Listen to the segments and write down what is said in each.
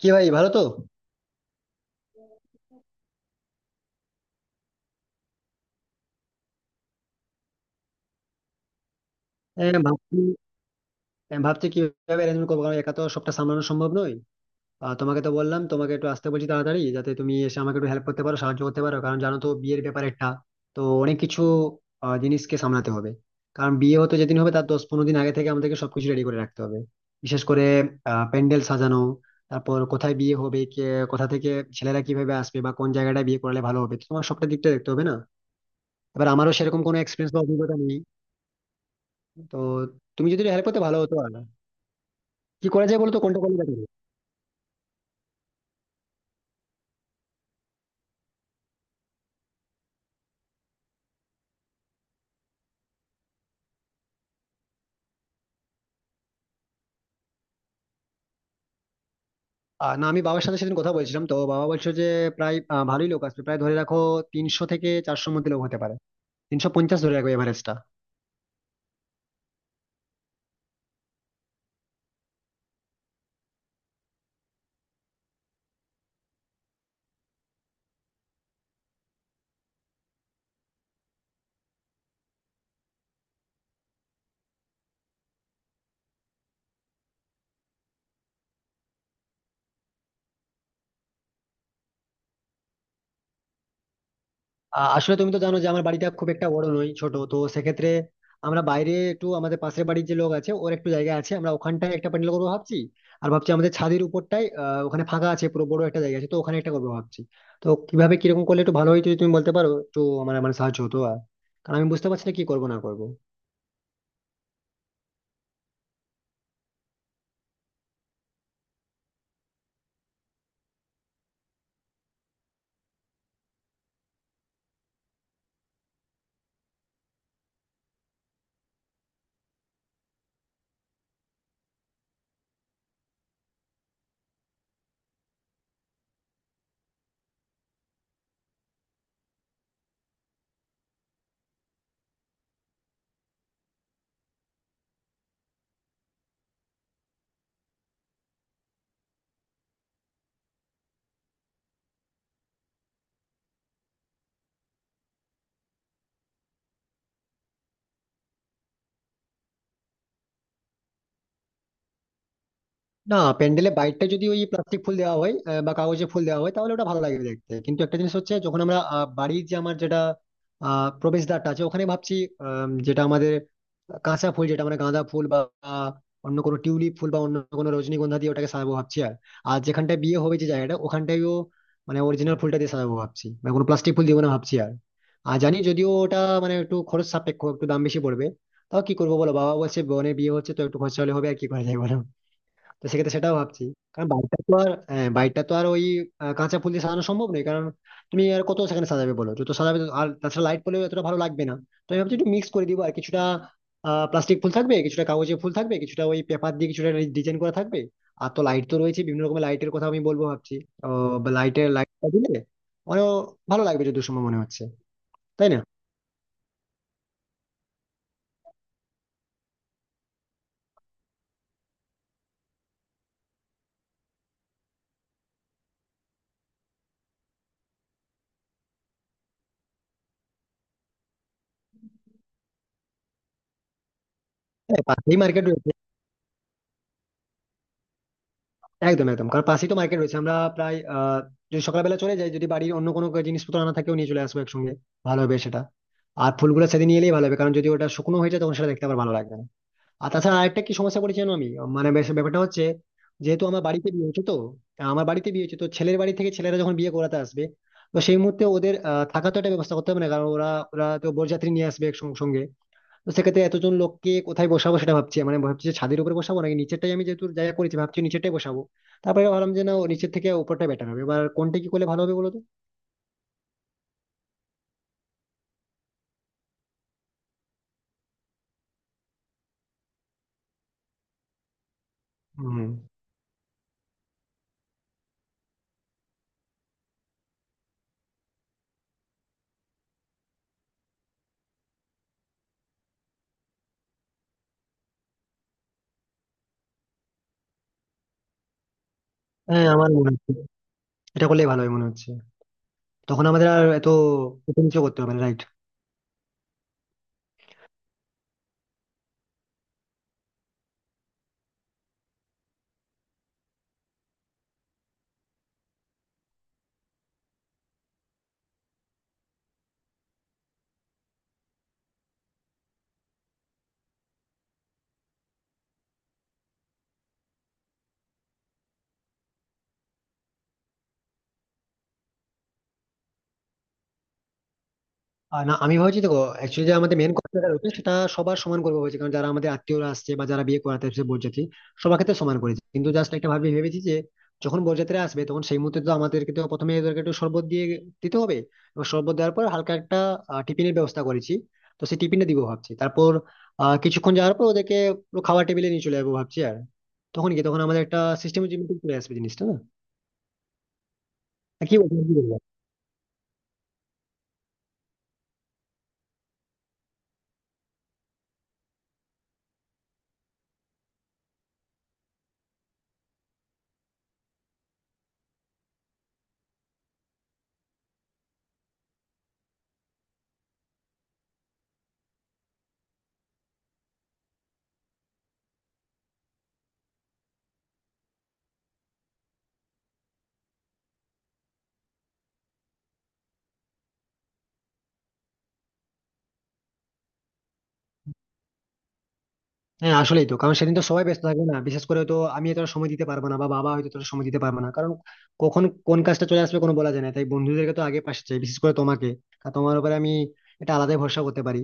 কি ভাই ভালো তো। এ, ভাবছি ভাবছি কিভাবে অ্যারেঞ্জমেন্ট করবো কারণ একা তো সবটা সামলানো সম্ভব নয়। আর তোমাকে তো বললাম, তোমাকে একটু আসতে বলছি তাড়াতাড়ি, যাতে তুমি এসে আমাকে একটু হেল্প করতে পারো, সাহায্য করতে পারো, কারণ জানো তো বিয়ের ব্যাপার একটা, তো অনেক কিছু জিনিসকে সামলাতে হবে। কারণ বিয়ে হতে যেদিন হবে, তার 10-15 দিন আগে থেকে আমাদেরকে সবকিছু রেডি করে রাখতে হবে। বিশেষ করে প্যান্ডেল সাজানো, তারপর কোথায় বিয়ে হবে, কে কোথা থেকে, ছেলেরা কিভাবে আসবে বা কোন জায়গাটা বিয়ে করলে ভালো হবে, তো তোমার সবটা দিকটা দেখতে হবে না। এবার আমারও সেরকম কোনো এক্সপিরিয়েন্স বা অভিজ্ঞতা নেই। তো তুমি যদি হেল্প করতে ভালো হতো। আর কি করা যায় বলো তো, কোনটা করলে better হবে? না আমি বাবার সাথে সেদিন কথা বলছিলাম, তো বাবা বলছিল যে প্রায় ভালোই লোক আসবে, প্রায় ধরে রাখো 300 থেকে 400-র মধ্যে লোক হতে পারে। 350 ধরে রাখো এভারেজটা। আসলে তুমি তো জানো যে আমার বাড়িটা খুব একটা বড় নয়, ছোট, তো সেক্ষেত্রে আমরা বাইরে একটু, আমাদের পাশের বাড়ির যে লোক আছে ওর একটু জায়গা আছে, আমরা ওখানটায় একটা প্যান্ডেল করবো ভাবছি। আর ভাবছি আমাদের ছাদের উপরটাই ওখানে ফাঁকা আছে, পুরো বড় একটা জায়গা আছে, তো ওখানে একটা করবো ভাবছি। তো কিভাবে কিরকম করলে একটু ভালো হয় যদি তুমি বলতে পারো, একটু আমার মানে সাহায্য হতো আর, কারণ আমি বুঝতে পারছি না কি করবো না করবো। না, প্যান্ডেলে বাইরটা যদি ওই প্লাস্টিক ফুল দেওয়া হয় বা কাগজে ফুল দেওয়া হয় তাহলে ওটা ভালো লাগবে দেখতে, কিন্তু একটা জিনিস হচ্ছে, যখন আমরা বাড়ির যে আমার যেটা প্রবেশদ্বারটা আছে ওখানে ভাবছি যেটা আমাদের, কাঁচা ফুল, যেটা মানে গাঁদা ফুল বা আহ, অন্য কোনো টিউলিপ ফুল বা অন্য কোনো রজনীগন্ধা দিয়ে ওটাকে সাজাবো ভাবছি। আর আর যেখানটায় বিয়ে হবে যে জায়গাটা ওখানটায়ও মানে অরিজিনাল ফুলটা দিয়ে সাজাবো ভাবছি, মানে কোনো প্লাস্টিক ফুল দিব না ভাবছি। আর আর জানি যদিও ওটা মানে একটু খরচ সাপেক্ষ, একটু দাম বেশি পড়বে, তাও কি করবো বলো, বাবা বলছে বোনের বিয়ে হচ্ছে তো একটু খরচা হলে হবে আর কি করা যায় বলো। তো সেক্ষেত্রে সেটাও ভাবছি, কারণ বাড়িটা তো আর, হ্যাঁ, বাড়িটা তো আর ওই কাঁচা ফুল দিয়ে সাজানো সম্ভব নয়, কারণ তুমি আর কত সেখানে সাজাবে বলো, যত সাজাবে তত- আর তাছাড়া লাইট পড়লেও এতটা ভালো লাগবে না। তো আমি ভাবছি একটু মিক্স করে দিব, আর কিছুটা প্লাস্টিক ফুল থাকবে, কিছুটা কাগজের ফুল থাকবে, কিছুটা ওই পেপার দিয়ে কিছুটা ডিজাইন করা থাকবে। আর তো লাইট তো রয়েছে, বিভিন্ন রকমের লাইটের কথা আমি বলবো ভাবছি। লাইটের লাইটটা দিলে অনেক ভালো লাগবে, যদি, সময় মনে হচ্ছে, তাই না? হ্যাঁ পাশেই মার্কেট রয়েছে। একদম একদম, কারণ পাশেই তো মার্কেট রয়েছে, আমরা প্রায় যদি সকালবেলা চলে যাই, যদি বাড়ির অন্য কোনো জিনিসপত্র আনা থাকেও নিয়ে চলে আসবো একসঙ্গে, ভালো হবে সেটা। আর ফুলগুলো সেদিন নিয়ে এলেই ভালো হবে, কারণ যদি ওটা শুকনো হয়ে যায় তখন সেটা দেখতে আবার ভালো লাগবে না। আর তাছাড়া আরেকটা কি সমস্যা করেছি জানো আমি, মানে বেশ ব্যাপারটা হচ্ছে, যেহেতু আমার বাড়িতে বিয়ে হচ্ছে তো, আমার বাড়িতে বিয়ে হচ্ছে তো ছেলের বাড়ি থেকে ছেলেরা যখন বিয়ে করাতে আসবে, তো সেই মুহূর্তে ওদের থাকার তো একটা ব্যবস্থা করতে হবে না, কারণ ওরা ওরা তো বরযাত্রী নিয়ে আসবে একসঙ্গে। তো সেক্ষেত্রে এতজন লোককে কোথায় বসাবো সেটা ভাবছি, মানে ভাবছি যে ছাদের উপরে বসাবো নাকি নিচেরটাই, আমি যেহেতু জায়গা করেছি ভাবছি নিচেরটাই বসাবো। তারপরে ভাবলাম যে না, ও নিচের থেকে উপরটা বেটার হবে। এবার কোনটা কি করলে ভালো হবে বলো তো। হুম। হ্যাঁ আমার মনে হচ্ছে এটা করলেই ভালো হবে মনে হচ্ছে। তখন আমাদের আর এত উঁচু নিচু করতে হবে না, right? না আমি ভাবছি দেখো, অ্যাকচুয়ালি যে আমাদের মেন কথাটা রয়েছে সেটা সবার সমান করবো বলছি, কারণ যারা আমাদের আত্মীয়রা আসছে বা যারা বিয়ে করাতে আসছে বরযাত্রী, সবার ক্ষেত্রে সমান করেছে, কিন্তু জাস্ট একটা ভেবেছি যে যখন বরযাত্রীরা আসবে, তখন সেই মুহূর্তে তো আমাদেরকে তো প্রথমে ওদেরকে একটু শরবত দিয়ে দিতে হবে, এবং শরবত দেওয়ার পর হালকা একটা টিফিনের ব্যবস্থা করেছি, তো সেই টিফিনটা দিব ভাবছি। তারপর কিছুক্ষণ যাওয়ার পর ওদেরকে পুরো খাওয়ার টেবিলে নিয়ে চলে যাবো ভাবছি। আর তখন কি, তখন আমাদের একটা সিস্টেমের চলে আসবে জিনিসটা না, কি বলবো। হ্যাঁ আসলেই তো, কারণ সেদিন তো সবাই ব্যস্ত থাকবে না, বিশেষ করে তো আমি এতটা সময় দিতে পারবো না, বা বাবা হয়তো তোর সময় দিতে পারবে না, কারণ কখন কোন কাজটা চলে আসবে কোনো বলা যায় না, তাই বন্ধুদেরকে তো আগে পাশে চাই, বিশেষ করে তোমাকে। কারণ তোমার উপরে আমি এটা আলাদাই ভরসা করতে পারি।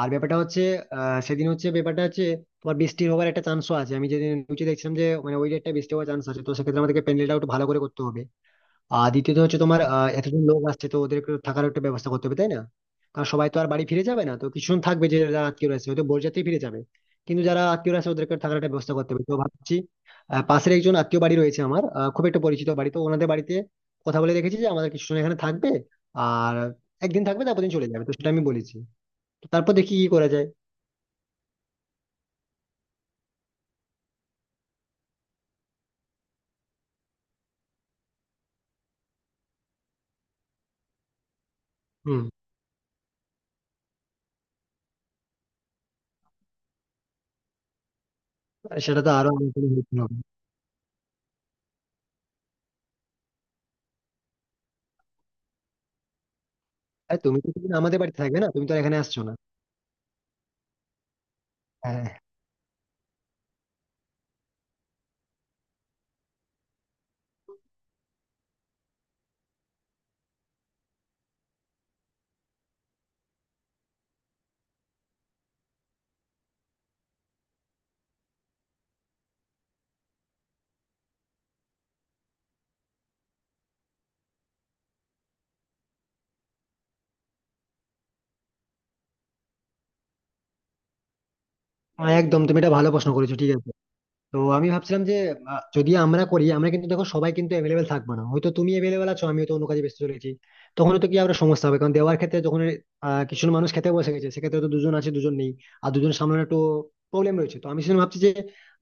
আর ব্যাপারটা হচ্ছে, সেদিন হচ্ছে, ব্যাপারটা হচ্ছে তোমার বৃষ্টি হওয়ার একটা চান্সও আছে, আমি যেদিন নিচে দেখছিলাম যে মানে ওই ডেটটা বৃষ্টি হওয়ার চান্স আছে, তো সেক্ষেত্রে আমাদেরকে প্যান্ডেলটা একটু ভালো করে করতে হবে। আর দ্বিতীয়ত হচ্ছে তোমার এতজন লোক আসছে, তো ওদের একটু থাকার একটা ব্যবস্থা করতে হবে, তাই না? কারণ সবাই তো আর বাড়ি ফিরে যাবে না, তো কিছুজন থাকবে, যে যারা আত্মীয় আছে, হয়তো বরযাত্রী ফিরে যাবে কিন্তু যারা আত্মীয় আছে ওদেরকে থাকার একটা ব্যবস্থা করতে হবে, তো ভাবছি পাশের একজন আত্মীয় বাড়ি রয়েছে আমার, খুব একটা পরিচিত বাড়ি, তো ওনাদের বাড়িতে কথা বলে রেখেছি যে আমাদের কিছুজন এখানে থাকবে। আর একদিন থাকবে তারপর দিন চলে যাবে, তো সেটা আমি বলেছি, তো তারপর দেখি কি করা যায়। হুম। সেটা তো আরো আমার জন্য helpful হবে। আর তুমি তো সেদিন আমাদের বাড়িতে থাকবে না, তুমি তো আর এখানে আসছো না। হ্যাঁ। হ্যাঁ, একদম তুমি এটা ভালো প্রশ্ন করেছো, ঠিক আছে। তো আমি ভাবছিলাম যে যদি আমরা করি, আমরা কিন্তু দেখো সবাই কিন্তু অ্যাভেলেবেল থাকবে না, হয়তো তুমি অ্যাভেলেবেল আছো আমি হয়তো অন্য কাজে ব্যস্ত চলেছি। তখন তো কি আবার সমস্যা হবে, কারণ দেওয়ার ক্ষেত্রে, যখন কিছু মানুষ খেতে বসে গেছে সেক্ষেত্রে তো দুজন আছে দুজন নেই, আর দুজন সামলানো একটু প্রবলেম রয়েছে। তো আমি সেজন্য ভাবছি যে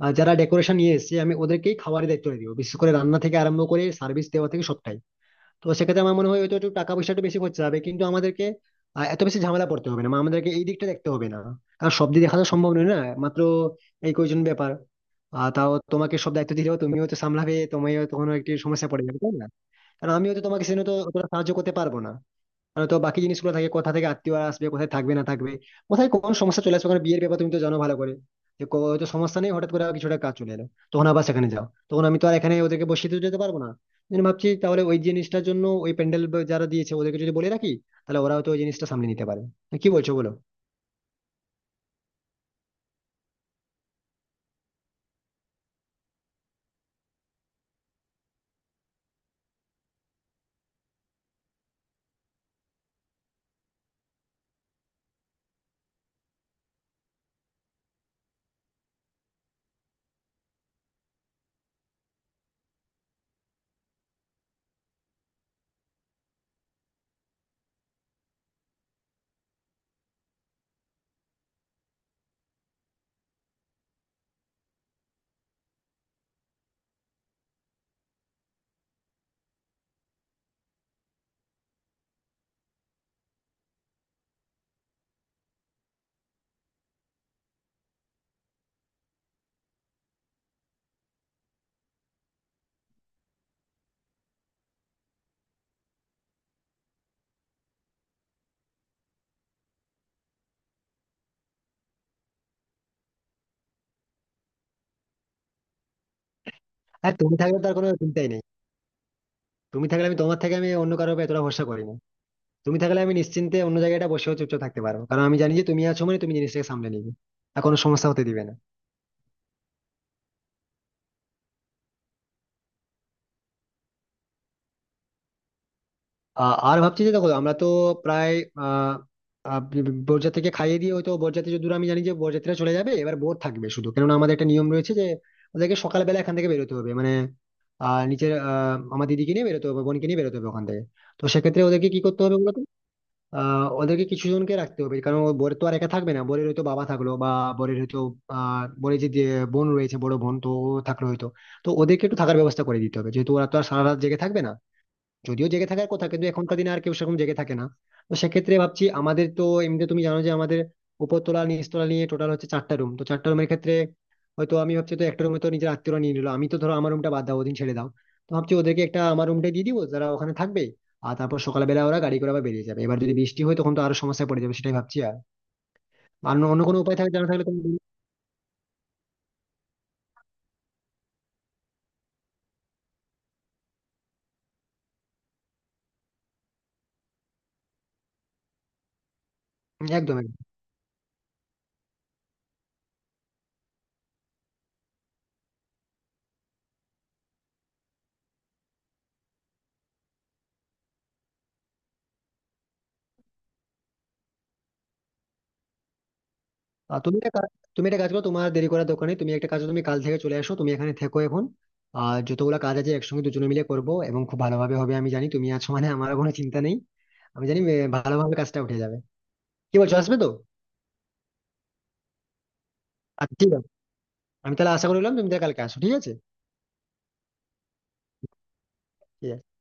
যারা ডেকোরেশন নিয়ে এসেছে আমি ওদেরকেই খাবারের দায়িত্বটা দিব, বিশেষ করে রান্না থেকে আরম্ভ করে সার্ভিস দেওয়া থেকে সবটাই। তো সেক্ষেত্রে আমার মনে হয় হয়তো একটু টাকা পয়সা একটু বেশি খরচা হবে, কিন্তু আমাদেরকে এত বেশি ঝামেলা পড়তে হবে না, মানে আমাদেরকে এই দিকটা দেখতে হবে না, কারণ সব দিক দেখা তো সম্ভব নয় না, মাত্র এই কয়জন ব্যাপার। আর তাও তোমাকে সব দায়িত্ব দিলেও তুমিও তো সামলাবে, তুমিও তখন একটি সমস্যা পড়ে যাবে, তাই না? কারণ আমিও তো তোমাকে সেজন্য তো অতটা সাহায্য করতে পারবো না, মানে তো বাকি জিনিসগুলো থাকে, কোথা থেকে আত্মীয়রা আসবে কোথায় থাকবে না থাকবে, কোথায় কোন সমস্যা চলে আসবে, কারণ বিয়ের ব্যাপার তুমি তো জানো ভালো করে, যে হয়তো সমস্যা নেই, হঠাৎ করে আবার কিছুটা কাজ চলে এলো, তখন আবার সেখানে যাও, তখন আমি তো আর এখানে ওদেরকে বসিয়ে তো যেতে পারবো না। আমি ভাবছি তাহলে ওই জিনিসটার জন্য, ওই প্যান্ডেল যারা দিয়েছে ওদেরকে যদি বলে রাখি, তাহলে ওরা হয়তো ওই জিনিসটা সামলে নিতে পারে। তো কি বলছো বলো। হ্যাঁ তুমি থাকলে তার কোনো চিন্তাই নেই, তুমি থাকলে আমি, তোমার থেকে আমি অন্য কারোর উপর এতটা ভরসা করি না, তুমি থাকলে আমি নিশ্চিন্তে অন্য জায়গাটা বসেও চুপচাপ থাকতে পারবো, কারণ আমি জানি যে তুমি আছো মানে তুমি জিনিসটাকে সামলে নিবে, আর কোনো সমস্যা হতে দিবে না। আ- আর ভাবছি যে দেখো আমরা তো প্রায় আহ আহ, বরযাত্রীকে খাইয়ে দিয়ে, হয়তো বরযাত্রী যতদূর আমি জানি যে বরযাত্রীরা চলে যাবে, এবার বোর থাকবে শুধু, কেননা আমাদের একটা নিয়ম রয়েছে যে ওদেরকে সকালবেলা এখান থেকে বেরোতে হবে, মানে নিচের আমার দিদিকে নিয়ে বেরোতে হবে, বোনকে নিয়ে বেরোতে হবে ওখান থেকে। তো সেক্ষেত্রে ওদেরকে কি করতে হবে বলতো। ওদেরকে কিছু জনকে রাখতে হবে, কারণ ও, বোর তো আর একা থাকবে না, বোরের হয়তো বাবা থাকলো, বা বোরের হয়তো বোরের বোন রয়েছে, বড় বোন তো ও থাকলো হয়তো। তো ওদেরকে একটু থাকার ব্যবস্থা করে দিতে হবে, যেহেতু ওরা তো আর সারা রাত জেগে থাকবে না। যদিও জেগে থাকার কথা, কিন্তু এখনকার দিনে আর কেউ সেরকম জেগে থাকে না। তো সেক্ষেত্রে ভাবছি, আমাদের তো এমনিতে তুমি জানো যে আমাদের উপরতলা নিচতলা নিয়ে টোটাল হচ্ছে চারটা রুম, তো চারটা রুমের ক্ষেত্রে হয়তো আমি ভাবছি, তো একটা রুমে তো নিজের আত্মীয়রা নিয়ে নিলো, আমি তো, ধরো আমার রুমটা বাদ দাও ওদিন, ছেড়ে দাও, তো ভাবছি ওদেরকে একটা, আমার রুমটা দিয়ে দিবো যারা ওখানে থাকবে। আর তারপর সকালবেলা ওরা গাড়ি করে আবার বেরিয়ে যাবে, এবার যদি বৃষ্টি হয় তখন তো আরো সমস্যায় পড়ে যাবে, সেটাই ভাবছি। আর আর অন্য কোনো উপায় থাকে জানা থাকলে তুমি, একদম একদম। আহ, তুমি একটা কাজ- তুমি একটা কাজ করো, তোমার দেরি করার দোকানে, তুমি একটা কাজ করো, তুমি কাল থেকে চলে আসো, তুমি এখানে থেকো এখন আর যতগুলো কাজ আছে একসঙ্গে দুজনে মিলে করবো এবং খুব ভালোভাবে হবে, আমি জানি তুমি আছো মানে আমার কোনো চিন্তা নেই, আমি জানি ভালোভাবে কাজটা উঠে যাবে। কি বলছো, আসবে তো? আচ্ছা ঠিক আছে, আমি তাহলে আশা করলাম, তুমি তাহলে কালকে আসো, ঠিক আছে। ঠিক আছে।